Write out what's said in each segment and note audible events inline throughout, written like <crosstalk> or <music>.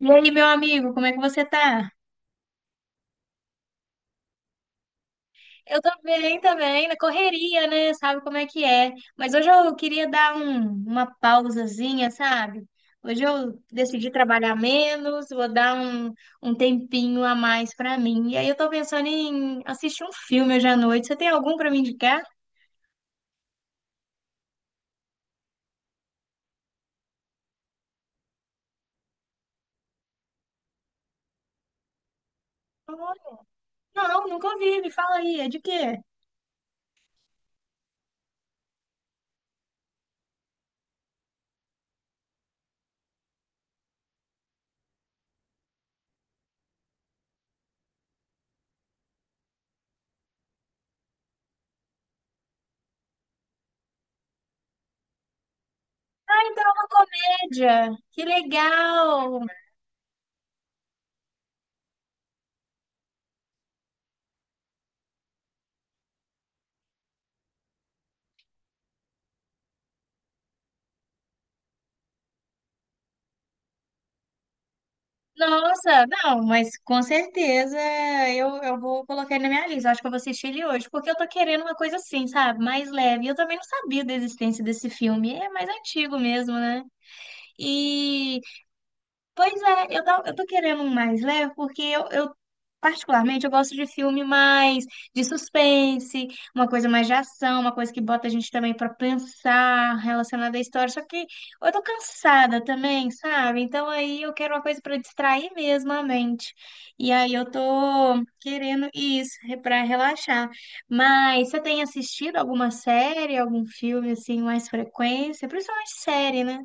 E aí, meu amigo, como é que você tá? Eu tô bem também, na correria, né? Sabe como é que é. Mas hoje eu queria uma pausazinha, sabe? Hoje eu decidi trabalhar menos, vou um tempinho a mais pra mim. E aí eu tô pensando em assistir um filme hoje à noite. Você tem algum pra me indicar? Não, nunca ouvi, me fala aí, é de quê? Ah, então é uma comédia. Que legal! Nossa, não, mas com certeza eu vou colocar ele na minha lista. Eu acho que eu vou assistir ele hoje, porque eu tô querendo uma coisa assim, sabe? Mais leve. Eu também não sabia da existência desse filme. É mais antigo mesmo, né? Pois é, eu tô querendo um mais leve, porque particularmente, eu gosto de filme mais de suspense, uma coisa mais de ação, uma coisa que bota a gente também pra pensar relacionada à história. Só que eu tô cansada também, sabe? Então aí eu quero uma coisa pra distrair mesmo a mente. E aí eu tô querendo isso, pra relaxar. Mas você tem assistido alguma série, algum filme assim, mais frequência? Principalmente série, né?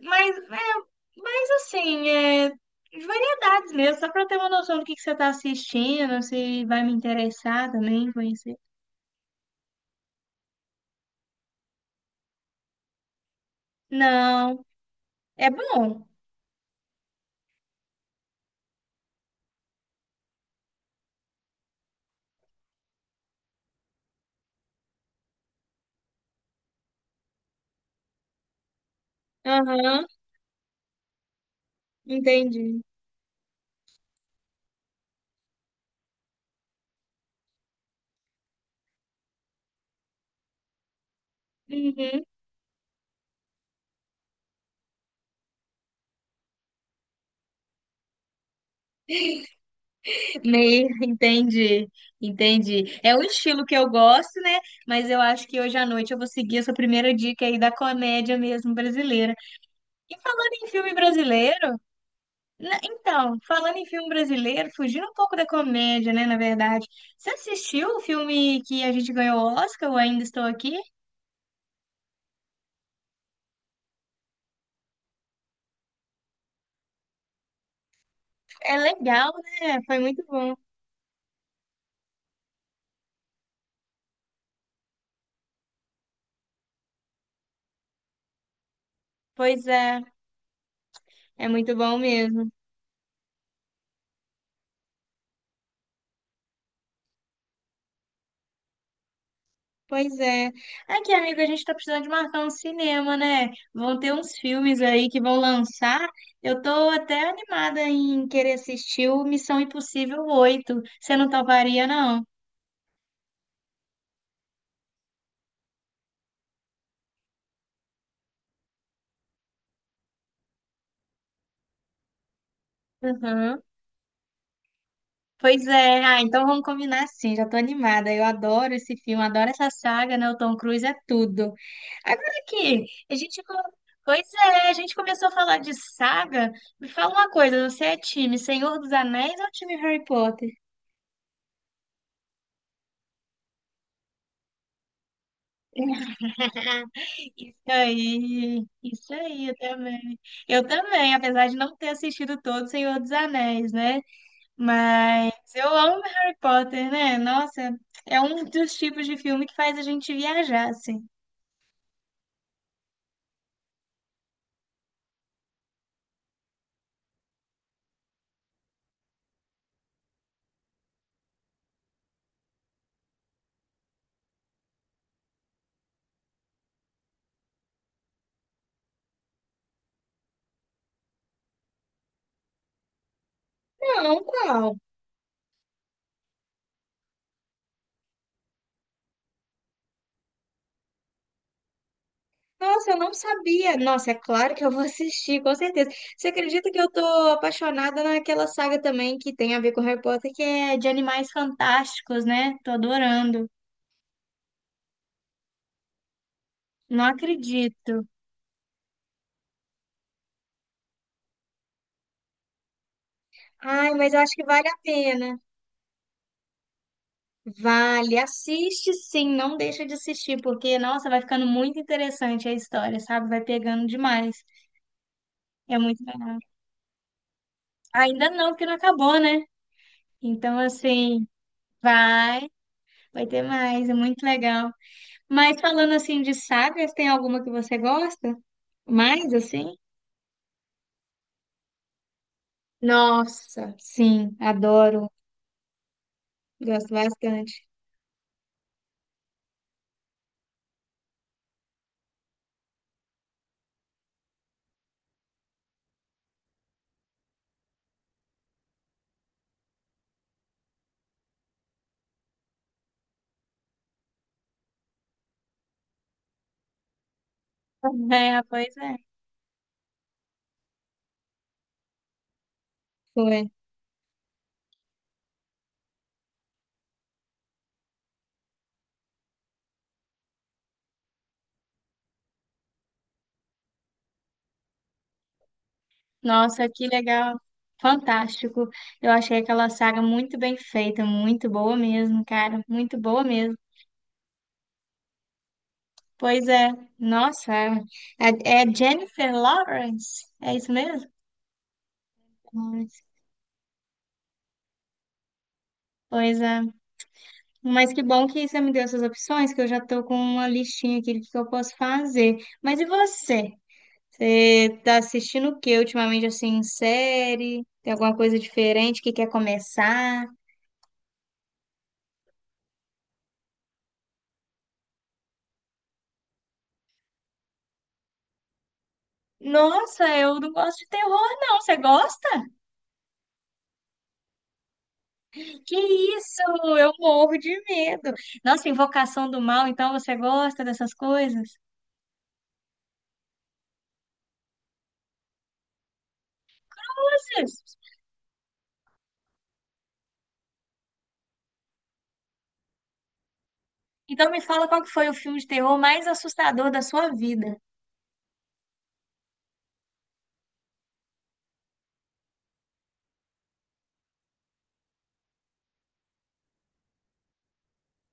Mas assim, é, variedades mesmo, só pra ter uma noção do que você tá assistindo, se vai me interessar também conhecer. Não, é bom. Aham, entendi. Uhum. Meio, entendi, entendi. É um estilo que eu gosto, né? Mas eu acho que hoje à noite eu vou seguir essa primeira dica aí da comédia mesmo brasileira. E falando em filme brasileiro, então, falando em filme brasileiro, fugindo um pouco da comédia, né, na verdade. Você assistiu o filme que a gente ganhou o Oscar, o Ainda Estou Aqui? É legal, né? Foi muito bom. Pois é, é muito bom mesmo. Pois é. Aqui, amigo, a gente tá precisando de marcar um cinema, né? Vão ter uns filmes aí que vão lançar. Eu tô até animada em querer assistir o Missão Impossível 8. Você não toparia, não? Uhum. Pois é, ah, então vamos combinar assim, já tô animada. Eu adoro esse filme, adoro essa saga, né? O Tom Cruise é tudo. Agora aqui, pois é, a gente começou a falar de saga. Me fala uma coisa, você é time Senhor dos Anéis ou time Harry Potter? Isso aí, eu também. Eu também, apesar de não ter assistido todo Senhor dos Anéis, né? Mas eu amo Harry Potter, né? Nossa, é um dos tipos de filme que faz a gente viajar, assim. Não, qual? Nossa, eu não sabia. Nossa, é claro que eu vou assistir, com certeza. Você acredita que eu tô apaixonada naquela saga também que tem a ver com Harry Potter, que é de animais fantásticos, né? Tô adorando. Não acredito. Ai, mas eu acho que vale a pena. Vale, assiste sim, não deixa de assistir, porque, nossa, vai ficando muito interessante a história, sabe? Vai pegando demais. É muito legal. Ainda não, porque não acabou, né? Então, assim, vai, vai ter mais, é muito legal. Mas falando assim de sagas, tem alguma que você gosta? Mais assim? Nossa, sim, adoro. Gosto bastante. <laughs> É, pois é. Foi. Nossa, que legal. Fantástico. Eu achei aquela saga muito bem feita, muito boa mesmo, cara. Muito boa mesmo. Pois é. Nossa, é, é Jennifer Lawrence? É isso mesmo? Lawrence. Pois é. Mas que bom que você me deu essas opções, que eu já estou com uma listinha aqui do que eu posso fazer. Mas e você? Você está assistindo o que ultimamente, assim, em série? Tem alguma coisa diferente que quer começar? Nossa, eu não gosto de terror, não. Você gosta? Que isso? Eu morro de medo. Nossa, Invocação do Mal, então você gosta dessas coisas? Nossa, então me fala qual que foi o filme de terror mais assustador da sua vida.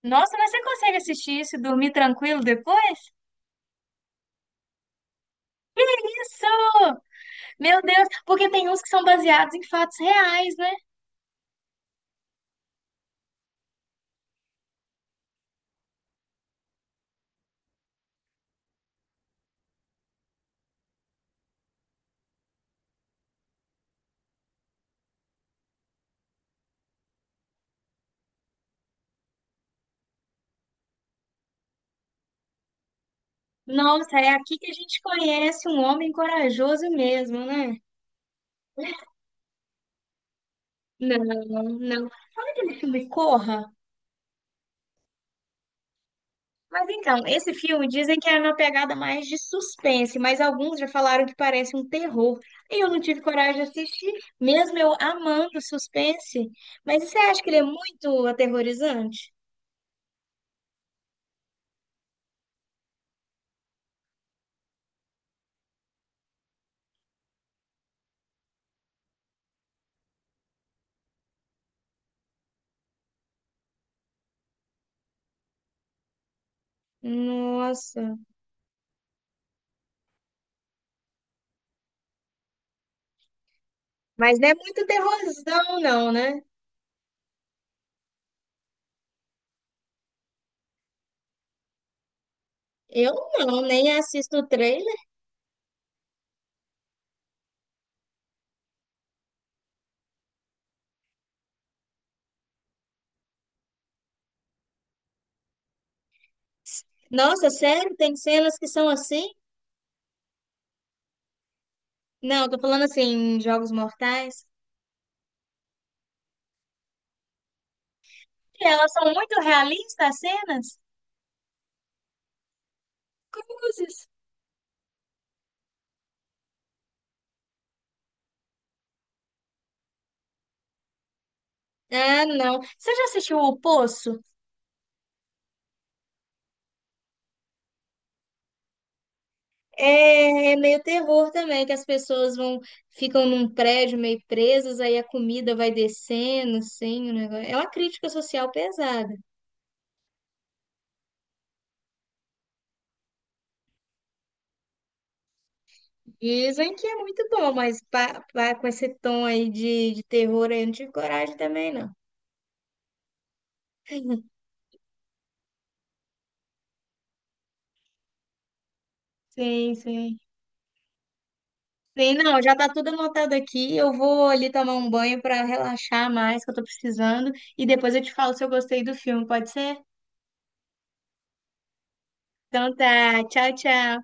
Nossa, mas você consegue assistir isso e dormir tranquilo depois? Isso! Meu Deus, porque tem uns que são baseados em fatos reais, né? Nossa, é aqui que a gente conhece um homem corajoso mesmo, né? Não, não. Esse filme Corra. Mas então, esse filme dizem que é uma pegada mais de suspense, mas alguns já falaram que parece um terror. E eu não tive coragem de assistir, mesmo eu amando suspense. Mas você acha que ele é muito aterrorizante? Nossa, mas não é muito terrorzão, não, né? Eu não, nem assisto o trailer. Nossa, sério? Tem cenas que são assim? Não, eu tô falando assim, em Jogos Mortais. Que elas são muito realistas, as cenas? Cruzes. Ah, não. Você já assistiu O Poço? É, é meio terror também, que as pessoas vão, ficam num prédio meio presas, aí a comida vai descendo, assim, o negócio. É uma crítica social pesada. Dizem que é muito bom, mas com esse tom aí de terror, aí eu não tive coragem também, não. Sim, sim. Sim, não, já tá tudo anotado aqui. Eu vou ali tomar um banho para relaxar mais, que eu tô precisando. E depois eu te falo se eu gostei do filme, pode ser? Então tá, tchau, tchau.